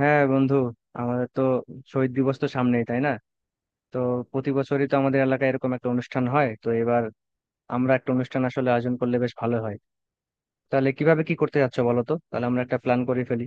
হ্যাঁ বন্ধু, আমাদের তো শহীদ দিবস তো সামনেই, তাই না? তো প্রতি বছরই তো আমাদের এলাকায় এরকম একটা অনুষ্ঠান হয়, তো এবার আমরা একটা অনুষ্ঠান আসলে আয়োজন করলে বেশ ভালো হয়। তাহলে কিভাবে কি করতে যাচ্ছ বলো তো, তাহলে আমরা একটা প্ল্যান করে ফেলি।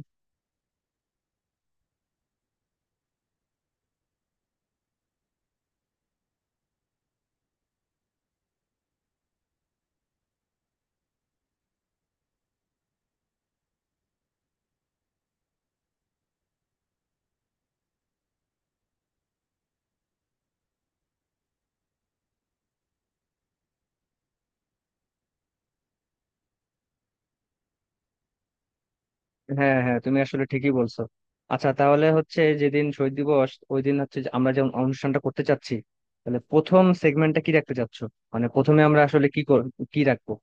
হ্যাঁ হ্যাঁ, তুমি আসলে ঠিকই বলছো। আচ্ছা, তাহলে হচ্ছে যেদিন শহীদ দিবস ওই দিন হচ্ছে যে আমরা যেমন অনুষ্ঠানটা করতে চাচ্ছি, তাহলে প্রথম সেগমেন্টটা কি রাখতে চাচ্ছ? মানে প্রথমে আমরা আসলে কি রাখবো,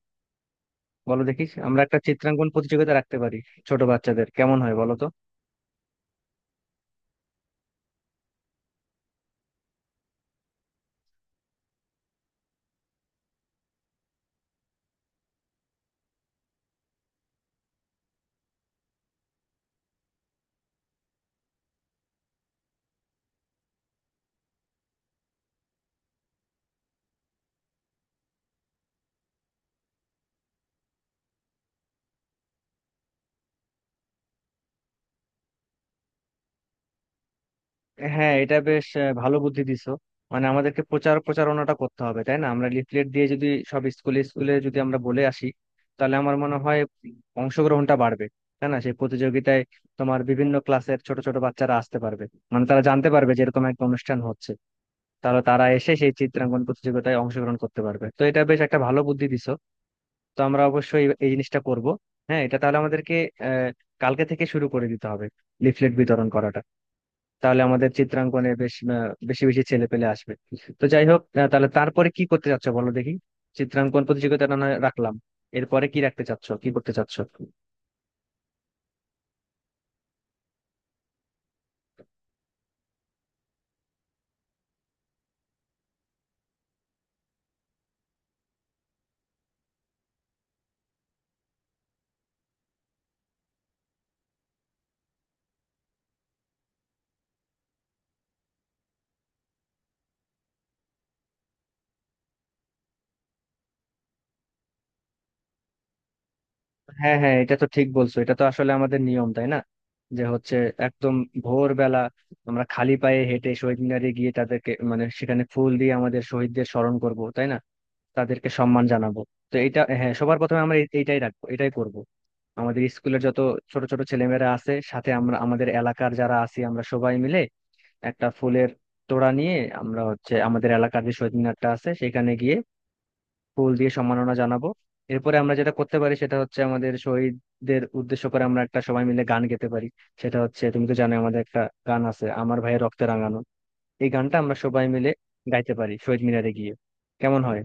বলো দেখিস। আমরা একটা চিত্রাঙ্কন প্রতিযোগিতা রাখতে পারি ছোট বাচ্চাদের, কেমন হয় বলো তো? হ্যাঁ, এটা বেশ ভালো বুদ্ধি দিছো। মানে আমাদেরকে প্রচার প্রচারণাটা করতে হবে, তাই না? আমরা লিফলেট দিয়ে যদি সব স্কুলে স্কুলে যদি আমরা বলে আসি, তাহলে আমার মনে হয় অংশগ্রহণটা বাড়বে, তাই না, সেই প্রতিযোগিতায়। তোমার বিভিন্ন ক্লাসের ছোট ছোট বাচ্চারা আসতে পারবে, মানে তারা জানতে পারবে যে এরকম একটা অনুষ্ঠান হচ্ছে, তাহলে তারা এসে সেই চিত্রাঙ্কন প্রতিযোগিতায় অংশগ্রহণ করতে পারবে। তো এটা বেশ একটা ভালো বুদ্ধি দিছো, তো আমরা অবশ্যই এই জিনিসটা করব। হ্যাঁ, এটা তাহলে আমাদেরকে আহ কালকে থেকে শুরু করে দিতে হবে, লিফলেট বিতরণ করাটা। তাহলে আমাদের চিত্রাঙ্কনে বেশ বেশি বেশি ছেলে পেলে আসবে। তো যাই হোক, তাহলে তারপরে কি করতে চাচ্ছ বলো দেখি। চিত্রাঙ্কন প্রতিযোগিতা না হয় রাখলাম, এরপরে কি রাখতে চাচ্ছ, কি করতে চাচ্ছ? হ্যাঁ হ্যাঁ, এটা তো ঠিক বলছো, এটা তো আসলে আমাদের নিয়ম, তাই না? যে হচ্ছে একদম ভোরবেলা আমরা খালি পায়ে হেঁটে শহীদ মিনারে গিয়ে তাদেরকে, মানে সেখানে ফুল দিয়ে আমাদের শহীদদের স্মরণ করব, তাই না, তাদেরকে সম্মান জানাবো। তো এটা, হ্যাঁ, সবার প্রথমে আমরা এইটাই রাখবো, এটাই করব। আমাদের স্কুলের যত ছোট ছোট ছেলেমেয়েরা আছে, সাথে আমরা আমাদের এলাকার যারা আছি আমরা সবাই মিলে একটা ফুলের তোড়া নিয়ে আমরা হচ্ছে আমাদের এলাকার যে শহীদ মিনারটা আছে সেখানে গিয়ে ফুল দিয়ে সম্মাননা জানাবো। এরপরে আমরা যেটা করতে পারি সেটা হচ্ছে আমাদের শহীদদের উদ্দেশ্য করে আমরা একটা সবাই মিলে গান গেতে পারি। সেটা হচ্ছে তুমি তো জানো আমাদের একটা গান আছে, আমার ভাইয়ের রক্তে রাঙানো, এই গানটা আমরা সবাই মিলে গাইতে পারি শহীদ মিনারে গিয়ে। কেমন হয়?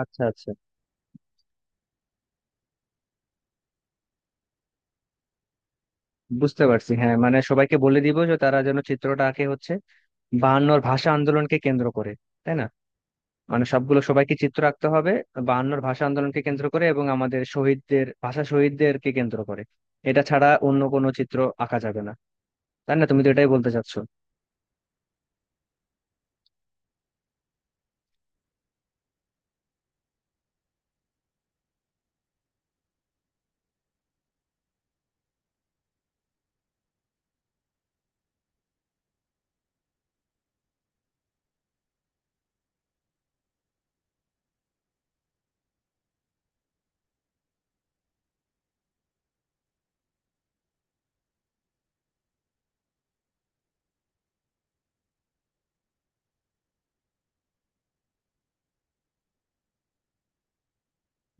আচ্ছা আচ্ছা, বুঝতে পারছি। হ্যাঁ, মানে সবাইকে বলে দিব যে তারা যেন চিত্রটা আঁকে হচ্ছে বায়ান্নর ভাষা আন্দোলনকে কেন্দ্র করে, তাই না? মানে সবগুলো, সবাইকে চিত্র আঁকতে হবে বায়ান্নর ভাষা আন্দোলনকে কেন্দ্র করে এবং আমাদের শহীদদের, ভাষা শহীদদেরকে কেন্দ্র করে। এটা ছাড়া অন্য কোনো চিত্র আঁকা যাবে না, তাই না, তুমি তো এটাই বলতে চাচ্ছো।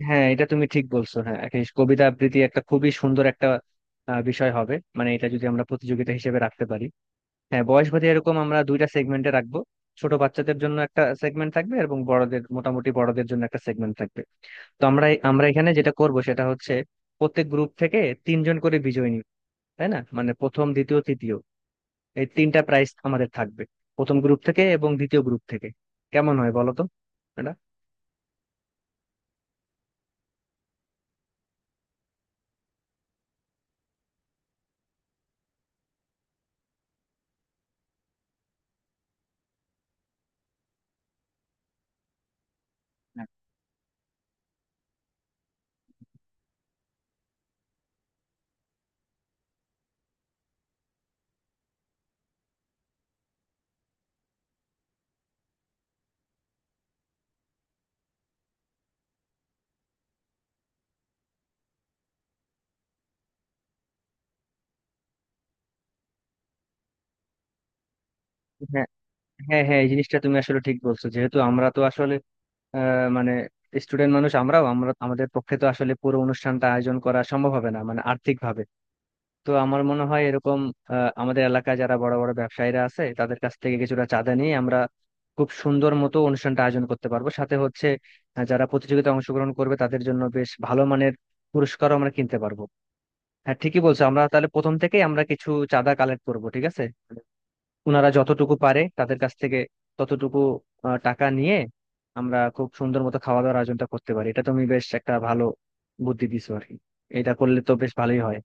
হ্যাঁ, এটা তুমি ঠিক বলছো। হ্যাঁ, একটা কবিতা আবৃত্তি একটা খুবই সুন্দর একটা বিষয় হবে, মানে এটা যদি আমরা প্রতিযোগিতা হিসেবে রাখতে পারি। হ্যাঁ, বয়স ভেদে এরকম আমরা দুইটা সেগমেন্টে রাখবো। ছোট বাচ্চাদের জন্য একটা সেগমেন্ট থাকবে এবং বড়দের, মোটামুটি বড়দের জন্য একটা সেগমেন্ট থাকবে। তো আমরা আমরা এখানে যেটা করব সেটা হচ্ছে প্রত্যেক গ্রুপ থেকে তিনজন করে বিজয়ী নিব, তাই না, মানে প্রথম দ্বিতীয় তৃতীয়, এই তিনটা প্রাইজ আমাদের থাকবে, প্রথম গ্রুপ থেকে এবং দ্বিতীয় গ্রুপ থেকে। কেমন হয় বলো তো এটা? হ্যাঁ হ্যাঁ হ্যাঁ, এই জিনিসটা তুমি আসলে ঠিক বলছো। যেহেতু আমরা তো আসলে মানে স্টুডেন্ট মানুষ, আমরাও আমরা আমাদের পক্ষে তো আসলে পুরো অনুষ্ঠানটা আয়োজন করা সম্ভব হবে না, মানে আর্থিক ভাবে। তো আমার মনে হয় এরকম আমাদের এলাকায় যারা বড় বড় ব্যবসায়ীরা আছে তাদের কাছ থেকে কিছুটা চাঁদা নিয়ে আমরা খুব সুন্দর মতো অনুষ্ঠানটা আয়োজন করতে পারবো। সাথে হচ্ছে যারা প্রতিযোগিতায় অংশগ্রহণ করবে তাদের জন্য বেশ ভালো মানের পুরস্কারও আমরা কিনতে পারবো। হ্যাঁ, ঠিকই বলছো, আমরা তাহলে প্রথম থেকেই আমরা কিছু চাঁদা কালেক্ট করব, ঠিক আছে। ওনারা যতটুকু পারে তাদের কাছ থেকে ততটুকু টাকা নিয়ে আমরা খুব সুন্দর মতো খাওয়া দাওয়ার আয়োজনটা করতে পারি। এটা তুমি বেশ একটা ভালো বুদ্ধি দিছো আর কি, এটা করলে তো বেশ ভালোই হয়।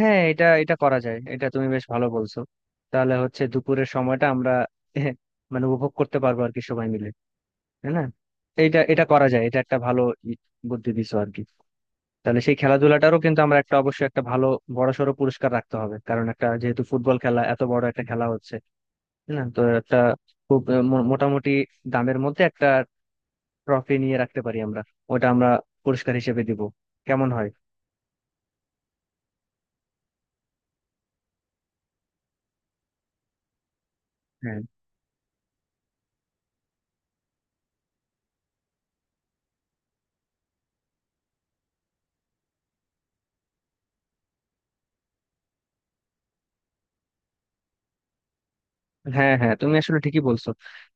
হ্যাঁ, এটা এটা করা যায়, এটা তুমি বেশ ভালো বলছো। তাহলে হচ্ছে দুপুরের সময়টা আমরা মানে উপভোগ করতে পারবো আর কি সবাই মিলে, তাই না। এটা এটা করা যায়, এটা একটা ভালো ই- বুদ্ধি দিছো আর কি। তাহলে সেই খেলাধুলাটারও কিন্তু আমরা একটা অবশ্যই একটা ভালো বড়সড় পুরস্কার রাখতে হবে, কারণ একটা যেহেতু ফুটবল খেলা এত বড় একটা খেলা হচ্ছে, তাই না। তো একটা খুব মোটামুটি দামের মধ্যে একটা ট্রফি নিয়ে রাখতে পারি আমরা, ওটা আমরা পুরস্কার হিসেবে দিব। কেমন হয়? হ্যাঁ হ্যাঁ হ্যাঁ, তুমি আসলে ঠিকই বলছো।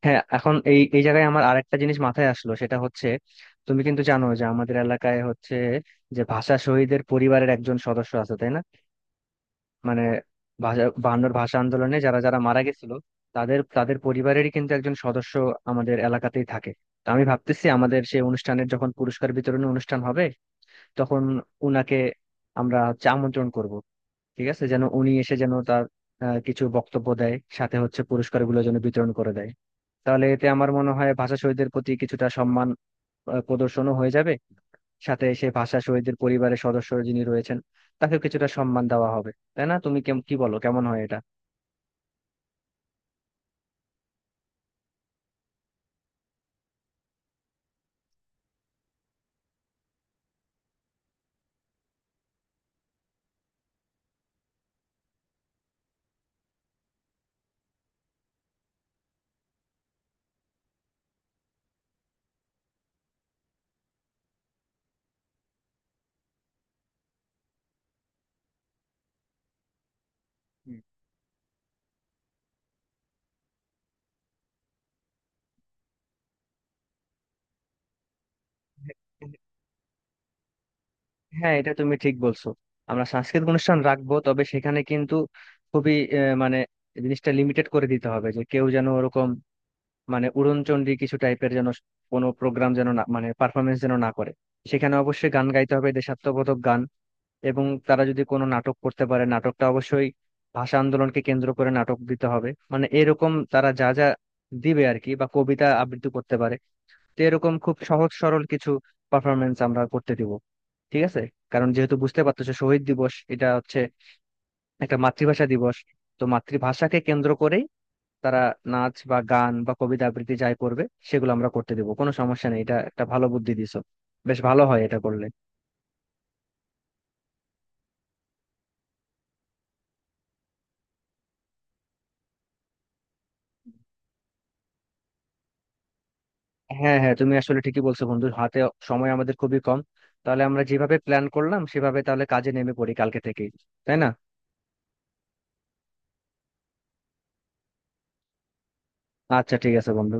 হ্যাঁ, এখন এই এই জায়গায় আমার আরেকটা জিনিস মাথায় আসলো, সেটা হচ্ছে তুমি কিন্তু জানো যে আমাদের এলাকায় হচ্ছে যে ভাষা শহীদের পরিবারের একজন সদস্য আছে, তাই না। মানে ভাষা, বায়ান্নর ভাষা আন্দোলনে যারা যারা মারা গেছিল তাদের তাদের পরিবারেরই কিন্তু একজন সদস্য আমাদের এলাকাতেই থাকে। তো আমি ভাবতেছি আমাদের সেই অনুষ্ঠানের যখন পুরস্কার বিতরণী অনুষ্ঠান হবে, তখন উনাকে আমরা হচ্ছে আমন্ত্রণ করব, ঠিক আছে, যেন উনি এসে যেন তার কিছু বক্তব্য দেয়, সাথে হচ্ছে পুরস্কারগুলো যেন বিতরণ করে দেয়। তাহলে এতে আমার মনে হয় ভাষা শহীদদের প্রতি কিছুটা সম্মান প্রদর্শনও হয়ে যাবে, সাথে সেই ভাষা শহীদদের পরিবারের সদস্য যিনি রয়েছেন তাকেও কিছুটা সম্মান দেওয়া হবে, তাই না। তুমি কি বলো, কেমন হয় এটা? হুম। হ্যাঁ, এটা তুমি ঠিক বলছো। আমরা সাংস্কৃতিক অনুষ্ঠান রাখবো, তবে সেখানে কিন্তু খুবই মানে জিনিসটা লিমিটেড করে দিতে হবে, যে কেউ যেন ওরকম মানে উড়নচণ্ডী কিছু টাইপের যেন কোনো প্রোগ্রাম যেন না, মানে পারফরমেন্স যেন না করে। সেখানে অবশ্যই গান গাইতে হবে দেশাত্মবোধক গান, এবং তারা যদি কোনো নাটক করতে পারে নাটকটা অবশ্যই ভাষা আন্দোলনকে কেন্দ্র করে নাটক দিতে হবে। মানে এরকম তারা যা যা দিবে আর কি, বা কবিতা আবৃত্তি করতে পারে। তো এরকম খুব সহজ সরল কিছু পারফরমেন্স আমরা করতে দিব, ঠিক আছে। কারণ যেহেতু বুঝতে পারতেছো শহীদ দিবস এটা হচ্ছে একটা মাতৃভাষা দিবস, তো মাতৃভাষাকে কেন্দ্র করেই তারা নাচ বা গান বা কবিতা আবৃত্তি যাই করবে সেগুলো আমরা করতে দেবো, কোনো সমস্যা নেই। এটা একটা ভালো বুদ্ধি দিছো, বেশ ভালো হয় এটা করলে। হ্যাঁ হ্যাঁ, তুমি আসলে ঠিকই বলছো বন্ধু, হাতে সময় আমাদের খুবই কম। তাহলে আমরা যেভাবে প্ল্যান করলাম সেভাবে তাহলে কাজে নেমে পড়ি কালকে থেকেই, তাই না। আচ্ছা, ঠিক আছে বন্ধু।